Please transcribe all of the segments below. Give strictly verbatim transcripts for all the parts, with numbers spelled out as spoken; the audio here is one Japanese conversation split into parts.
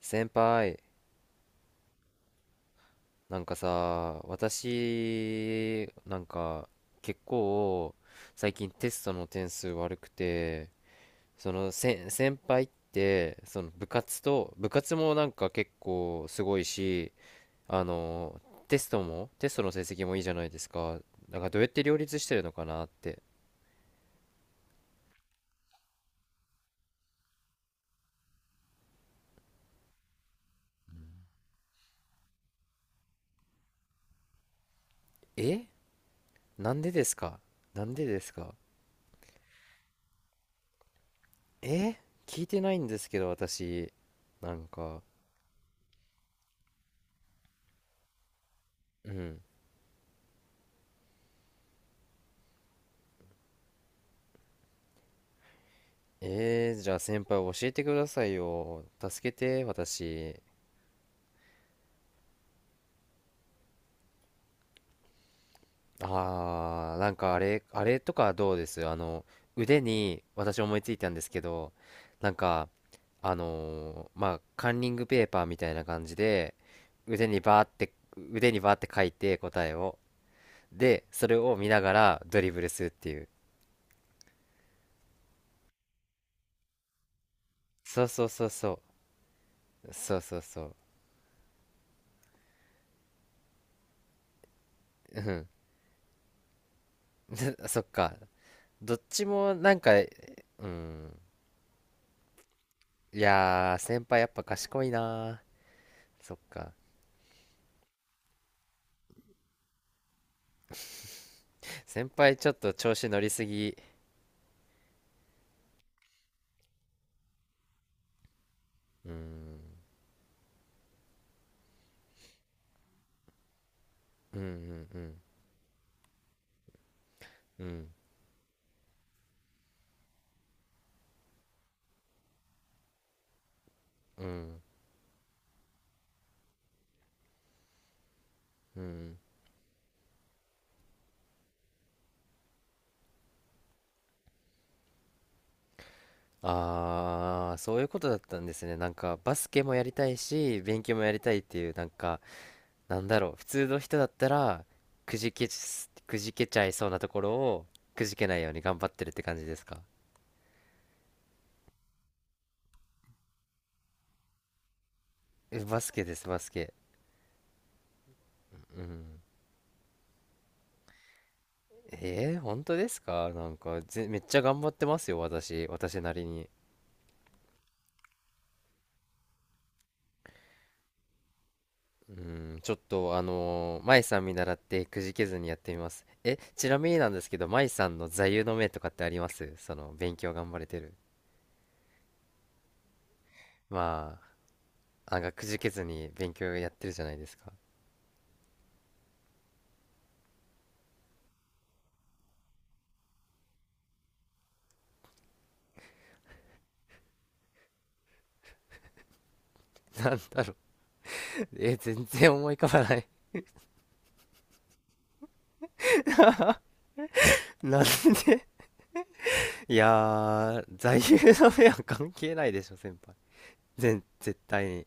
先輩、なんかさ、私、なんか、結構、最近テストの点数悪くて、その、せ、先輩って、その部活と、部活もなんか結構すごいし、あの、テストも、テストの成績もいいじゃないですか。だからどうやって両立してるのかなって。え、なんでですか？なんでですか？え、聞いてないんですけど、私。なんか、うん。えー、じゃあ先輩教えてくださいよ。助けて、私。あー、なんかあれ、あれとかどうです？あの、腕に私思いついたんですけど、なんか、あのーまあ、カンニングペーパーみたいな感じで、腕にバーって、腕にバーって書いて答えを。で、それを見ながらドリブルするっていう。そうそうそうそう。そうそうそう。うん。そっか。どっちもなんか、うん。いやー、先輩やっぱ賢いなー。そっか。先輩ちょっと調子乗りすぎ。うーん。うんうんうん。うん。うんうん。あー、そういうことだったんですね。なんか、バスケもやりたいし、勉強もやりたいっていう、なんか、なんだろう。普通の人だったら、くじけす、くじけちゃいそうなところを、くじけないように頑張ってるって感じですか？え、バスケです、バスケ。うん。えー、本当ですか？なんか、ぜめっちゃ頑張ってますよ、私。私なりに。うん、ちょっとあのー、舞さん見習ってくじけずにやってみます。え、ちなみになんですけど、舞さんの座右の銘とかってあります？その、勉強頑張れてる。まあ、あがくじけずに勉強やってるじゃないですか。なんだろう。え、全然思い浮かばない。なんで？ いやー、座右の銘は関係ないでしょ、先輩。全、絶対に。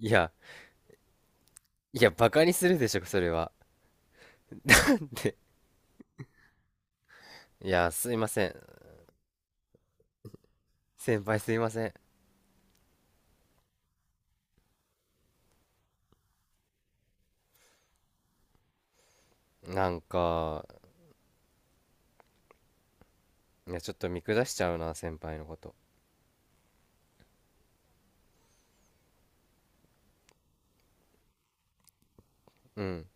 いや、いや、バカにするでしょ、それは。で、いや、すいません。先輩すいません。なんか、いや、ちょっと見下しちゃうな、先輩のこと。うん。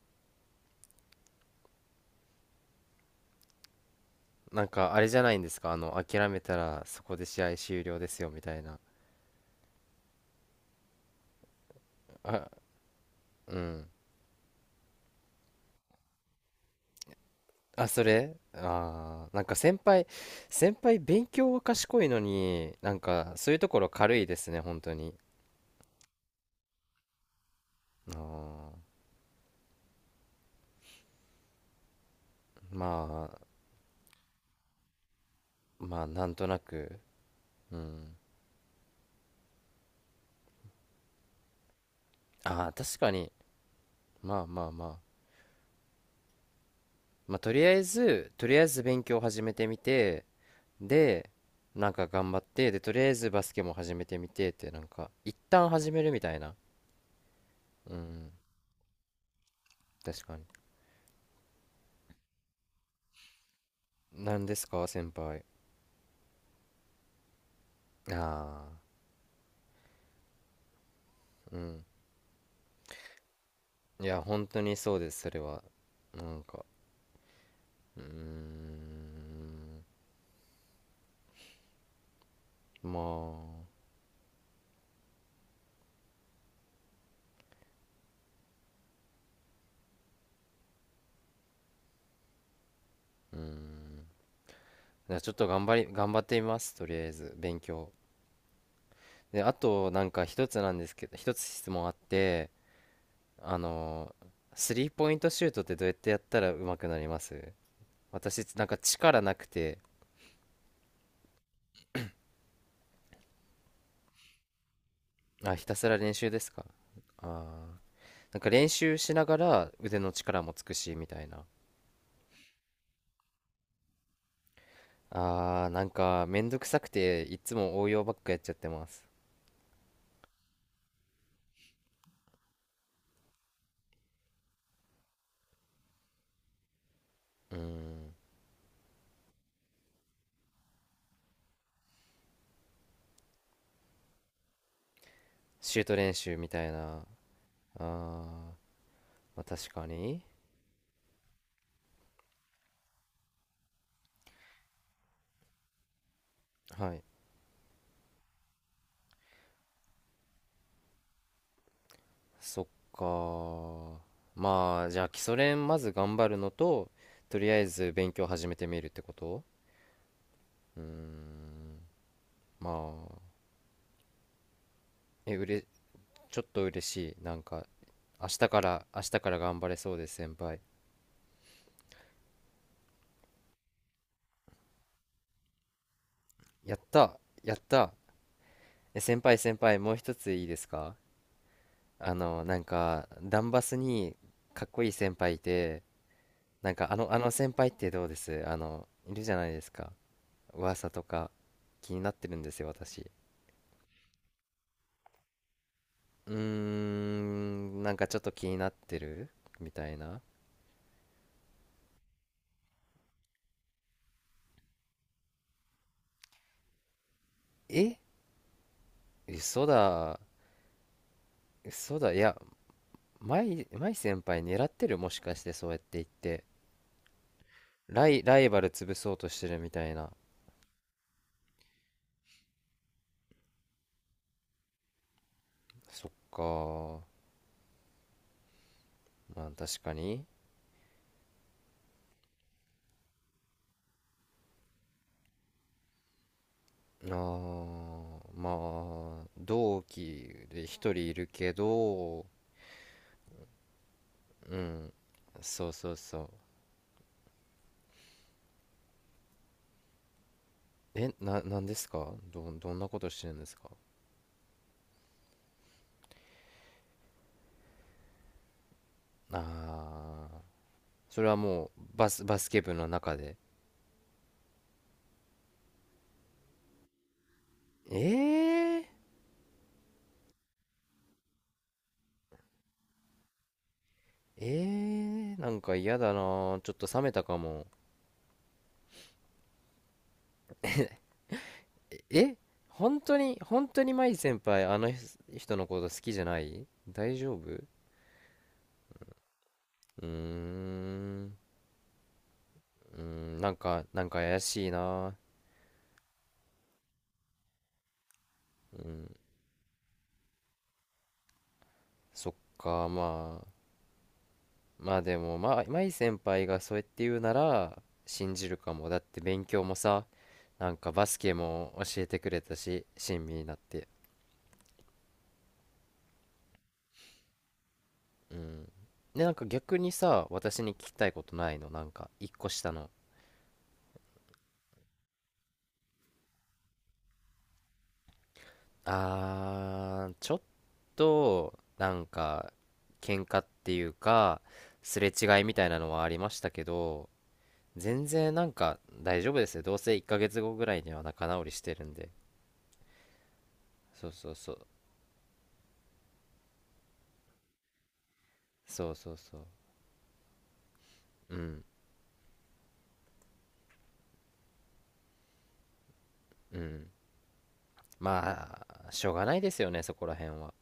なんか、あれじゃないんですか、あの、諦めたらそこで試合終了ですよ、みたいな。あ、うん。あ、それあー、なんか先輩、先輩勉強は賢いのに、なんか、そういうところ軽いですね、本当に。あー、まあ、まあ、なんとなく。うん。ああ、確かに。まあまあまあ。まあ、とりあえず、とりあえず勉強を始めてみて、で、なんか頑張って、で、とりあえずバスケも始めてみてって、なんか、一旦始めるみたいな。うん、確かに。何ですか、先輩。ああ、うん。いや、本当にそうです、それは。なんか、うーん、まあ、うーん。じゃあちょっと頑張り、頑張ってみます、とりあえず、勉強。で、あと、なんか一つなんですけど、一つ質問あって、あのースリーポイントシュートってどうやってやったら上手くなります？私なんか力なくて。あ、ひたすら練習ですか？あー、なんか練習しながら腕の力もつくしみたいな。あー、なんかめんどくさくていつも応用ばっかやっちゃってます。うーん、シュート練習みたいな。あー、まあ、確かに。はい。そっか。まあじゃあ基礎練まず頑張るのと、とりあえず勉強始めてみるってこと。うーん。まあ、え、うれ、ちょっと嬉しいなんか。明日から明日から頑張れそうです先輩。やったやった。え、先輩、先輩もう一ついいですか？あの、なんかダンバスにかっこいい先輩いて、なんかあの、あの先輩ってどうです？あのいるじゃないですか。噂とか気になってるんですよ、私。うーん、なんかちょっと気になってるみたいな。え、嘘だ、嘘だ。いや、舞、舞先輩狙ってる？もしかしてそうやって言って。ライ、ライバル潰そうとしてるみたいな。そっか。まあ確かに。あー、まあ、同期で一人いるけど、うん。そうそうそう。え、な、なんですか？ど、どんなことしてるんですか？ああ、それはもうバス、バスケ部の中で。ええー、ええー、なんか嫌だな。ちょっと冷めたかも。え、本当に、本当に舞先輩、あの人のこと好きじゃない？大丈夫？うーん、うーん、なんか、なんか怪しいな。うん、そっか、まあ、まあでも、まあ、舞先輩がそうやって言うなら、信じるかも。だって勉強もさ、なんかバスケも教えてくれたし、親身になって。うん。で、なんか逆にさ、私に聞きたいことないの？なんか、一個下の。あー、ちょっと、なんか、喧嘩っていうか、すれ違いみたいなのはありましたけど、全然なんか大丈夫ですよ。どうせいっかげつごぐらいには仲直りしてるんで。そうそうそう。そうそうそう。うん、うん。まあ、しょうがないですよね、そこら辺は。